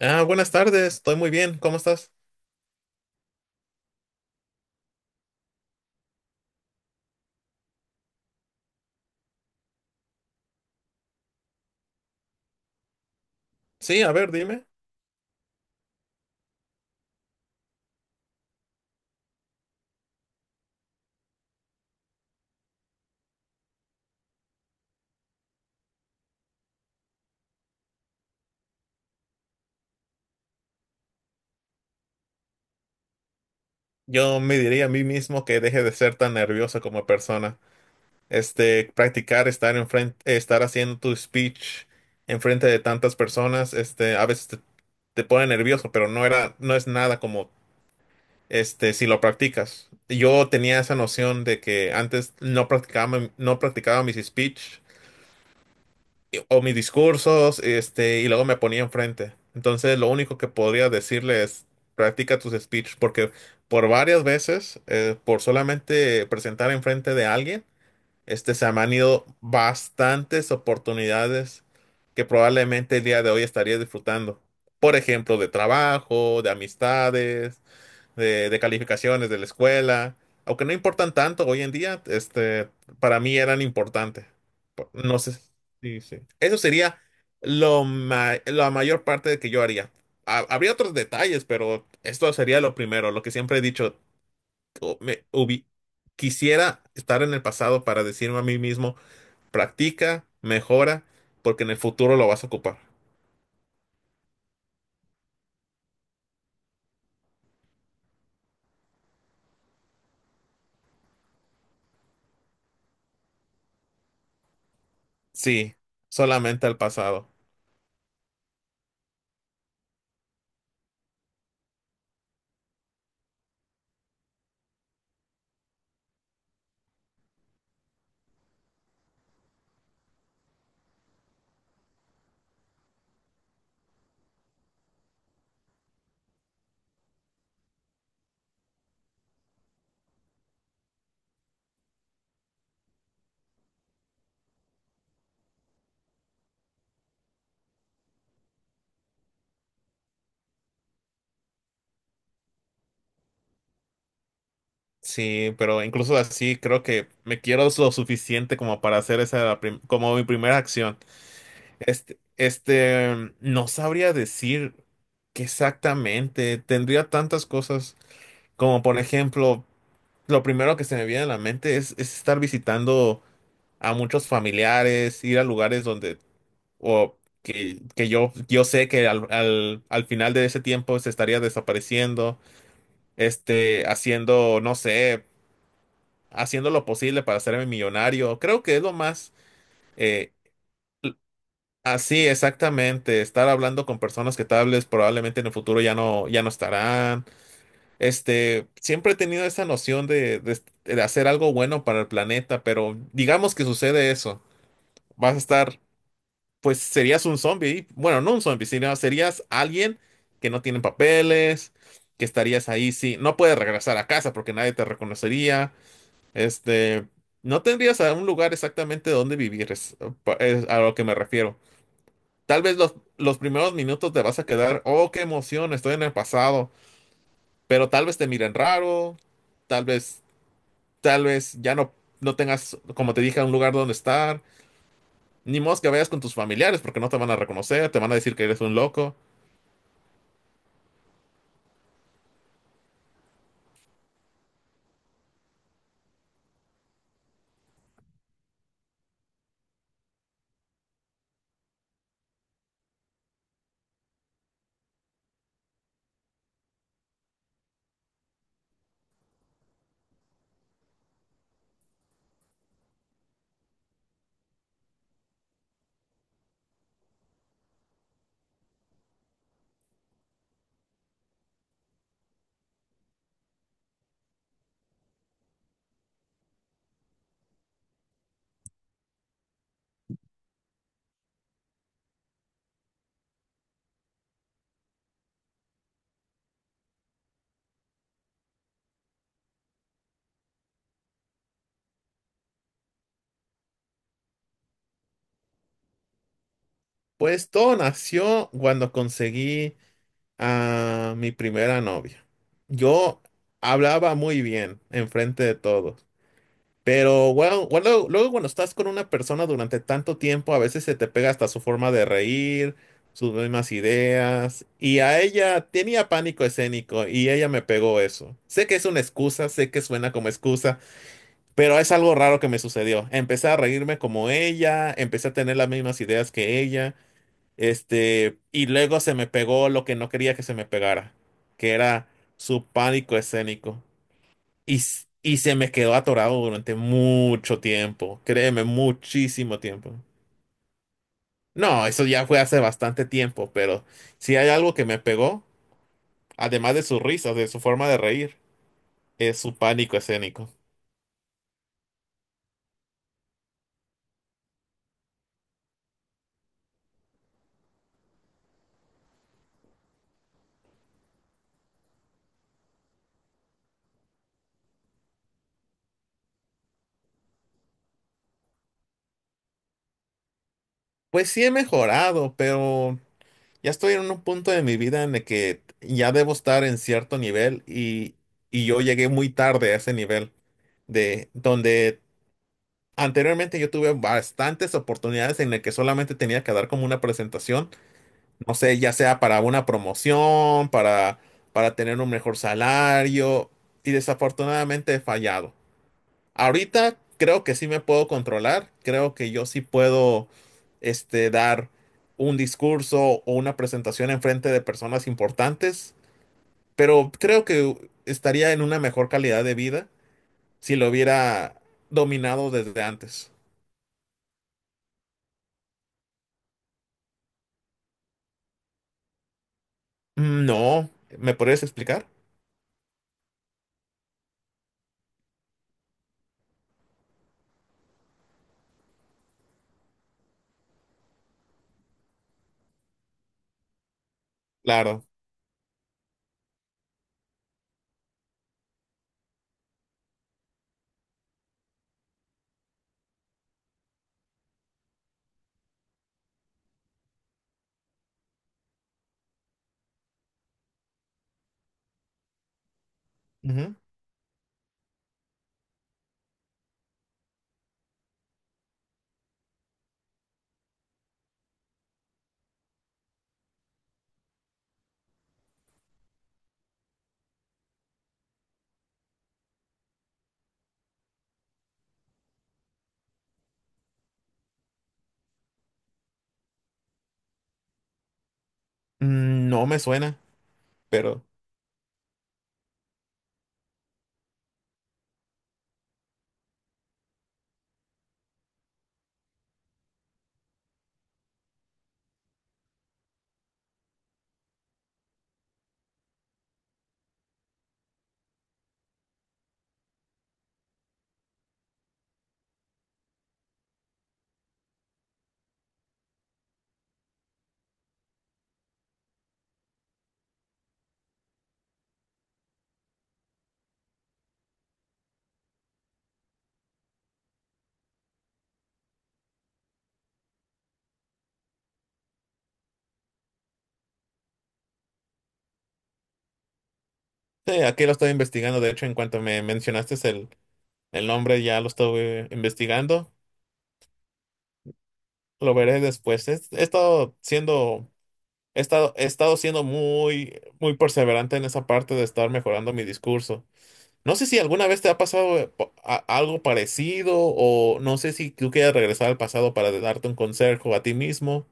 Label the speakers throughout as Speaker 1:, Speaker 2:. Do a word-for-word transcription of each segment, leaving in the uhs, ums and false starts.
Speaker 1: Ah, buenas tardes, estoy muy bien, ¿cómo estás? Sí, a ver, dime. Yo me diría a mí mismo que deje de ser tan nervioso como persona. Este, practicar estar en frente, estar haciendo tu speech en frente de tantas personas, este, a veces te, te pone nervioso, pero no era, no es nada como, este, si lo practicas. Yo tenía esa noción de que antes no practicaba, no practicaba mis speech o mis discursos, este, y luego me ponía enfrente. Entonces, lo único que podría decirle es, practica tus speech, porque por varias veces, eh, por solamente presentar enfrente de alguien, este, se me han ido bastantes oportunidades que probablemente el día de hoy estaría disfrutando. Por ejemplo, de trabajo, de amistades, de, de calificaciones de la escuela, aunque no importan tanto hoy en día, este, para mí eran importantes. Po- No sé, sí, sí. Eso sería lo ma- la mayor parte de que yo haría. Ha- habría otros detalles, pero esto sería lo primero, lo que siempre he dicho. o- me hubi- quisiera estar en el pasado para decirme a mí mismo, practica, mejora, porque en el futuro lo vas a ocupar. Sí, solamente el pasado. Sí, pero incluso así creo que me quiero lo suficiente como para hacer esa la prim- como mi primera acción. Este, este, no sabría decir qué exactamente. Tendría tantas cosas como por ejemplo, lo primero que se me viene a la mente es, es estar visitando a muchos familiares, ir a lugares donde o que, que yo yo sé que al, al al final de ese tiempo se estaría desapareciendo, este, haciendo, no sé, haciendo lo posible para hacerme millonario. Creo que es lo más, eh, así exactamente, estar hablando con personas que tal vez probablemente en el futuro ya no, ya no estarán. Este, siempre he tenido esa noción de, de- de hacer algo bueno para el planeta, pero digamos que sucede eso. Vas a estar, pues serías un zombie. Bueno, no un zombie, sino serías alguien que no tiene papeles, que estarías ahí, sí. No puedes regresar a casa porque nadie te reconocería. Este, no tendrías a un lugar exactamente donde vivir, es, pa- es a lo que me refiero. Tal vez los, los primeros minutos te vas a quedar, oh, qué emoción, estoy en el pasado, pero tal vez te miren raro, tal vez, tal vez ya no, no tengas, como te dije, un lugar donde estar, ni modo que vayas con tus familiares porque no te van a reconocer, te van a decir que eres un loco. Pues todo nació cuando conseguí a mi primera novia. Yo hablaba muy bien enfrente de todos. Pero bueno, bueno, luego, luego cuando estás con una persona durante tanto tiempo, a veces se te pega hasta su forma de reír, sus mismas ideas. Y a ella tenía pánico escénico y ella me pegó eso. Sé que es una excusa, sé que suena como excusa, pero es algo raro que me sucedió. Empecé a reírme como ella, empecé a tener las mismas ideas que ella, este, y luego se me pegó lo que no quería que se me pegara, que era su pánico escénico. Y, s- y se me quedó atorado durante mucho tiempo, créeme, muchísimo tiempo. No, eso ya fue hace bastante tiempo, pero si hay algo que me pegó, además de sus risas, de su forma de reír, es su pánico escénico. Pues sí he mejorado, pero ya estoy en un punto de mi vida en el que ya debo estar en cierto nivel y, y yo llegué muy tarde a ese nivel, de donde anteriormente yo tuve bastantes oportunidades en las que solamente tenía que dar como una presentación, no sé, ya sea para una promoción, para, para tener un mejor salario, y desafortunadamente he fallado. Ahorita creo que sí me puedo controlar, creo que yo sí puedo, este, dar un discurso o una presentación en frente de personas importantes, pero creo que estaría en una mejor calidad de vida si lo hubiera dominado desde antes. Mm, no, ¿me podrías explicar? Claro. Ujú. Mm, no me suena, pero. Sí, aquí lo estoy investigando. De hecho, en cuanto me mencionaste el, el nombre, ya lo estoy investigando. Lo veré después. Es- He, estado siendo, he estado, he estado siendo muy, muy perseverante en esa parte de estar mejorando mi discurso. No sé si alguna vez te ha pasado, eh, po- a- algo parecido, o no sé si tú quieres regresar al pasado para darte un consejo a ti mismo.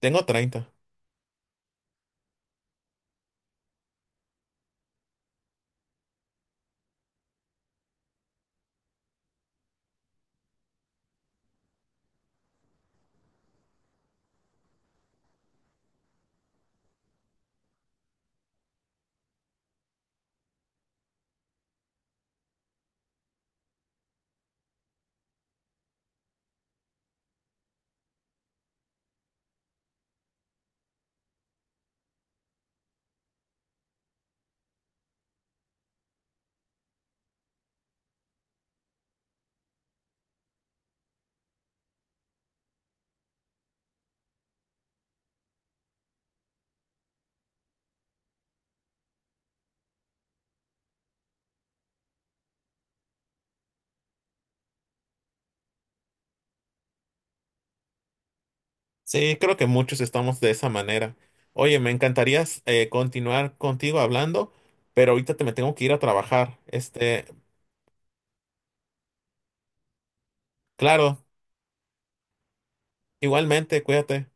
Speaker 1: Tengo treinta. Sí, creo que muchos estamos de esa manera. Oye, me encantaría, eh, continuar contigo hablando, pero ahorita te me tengo que ir a trabajar. Este, claro, igualmente, cuídate.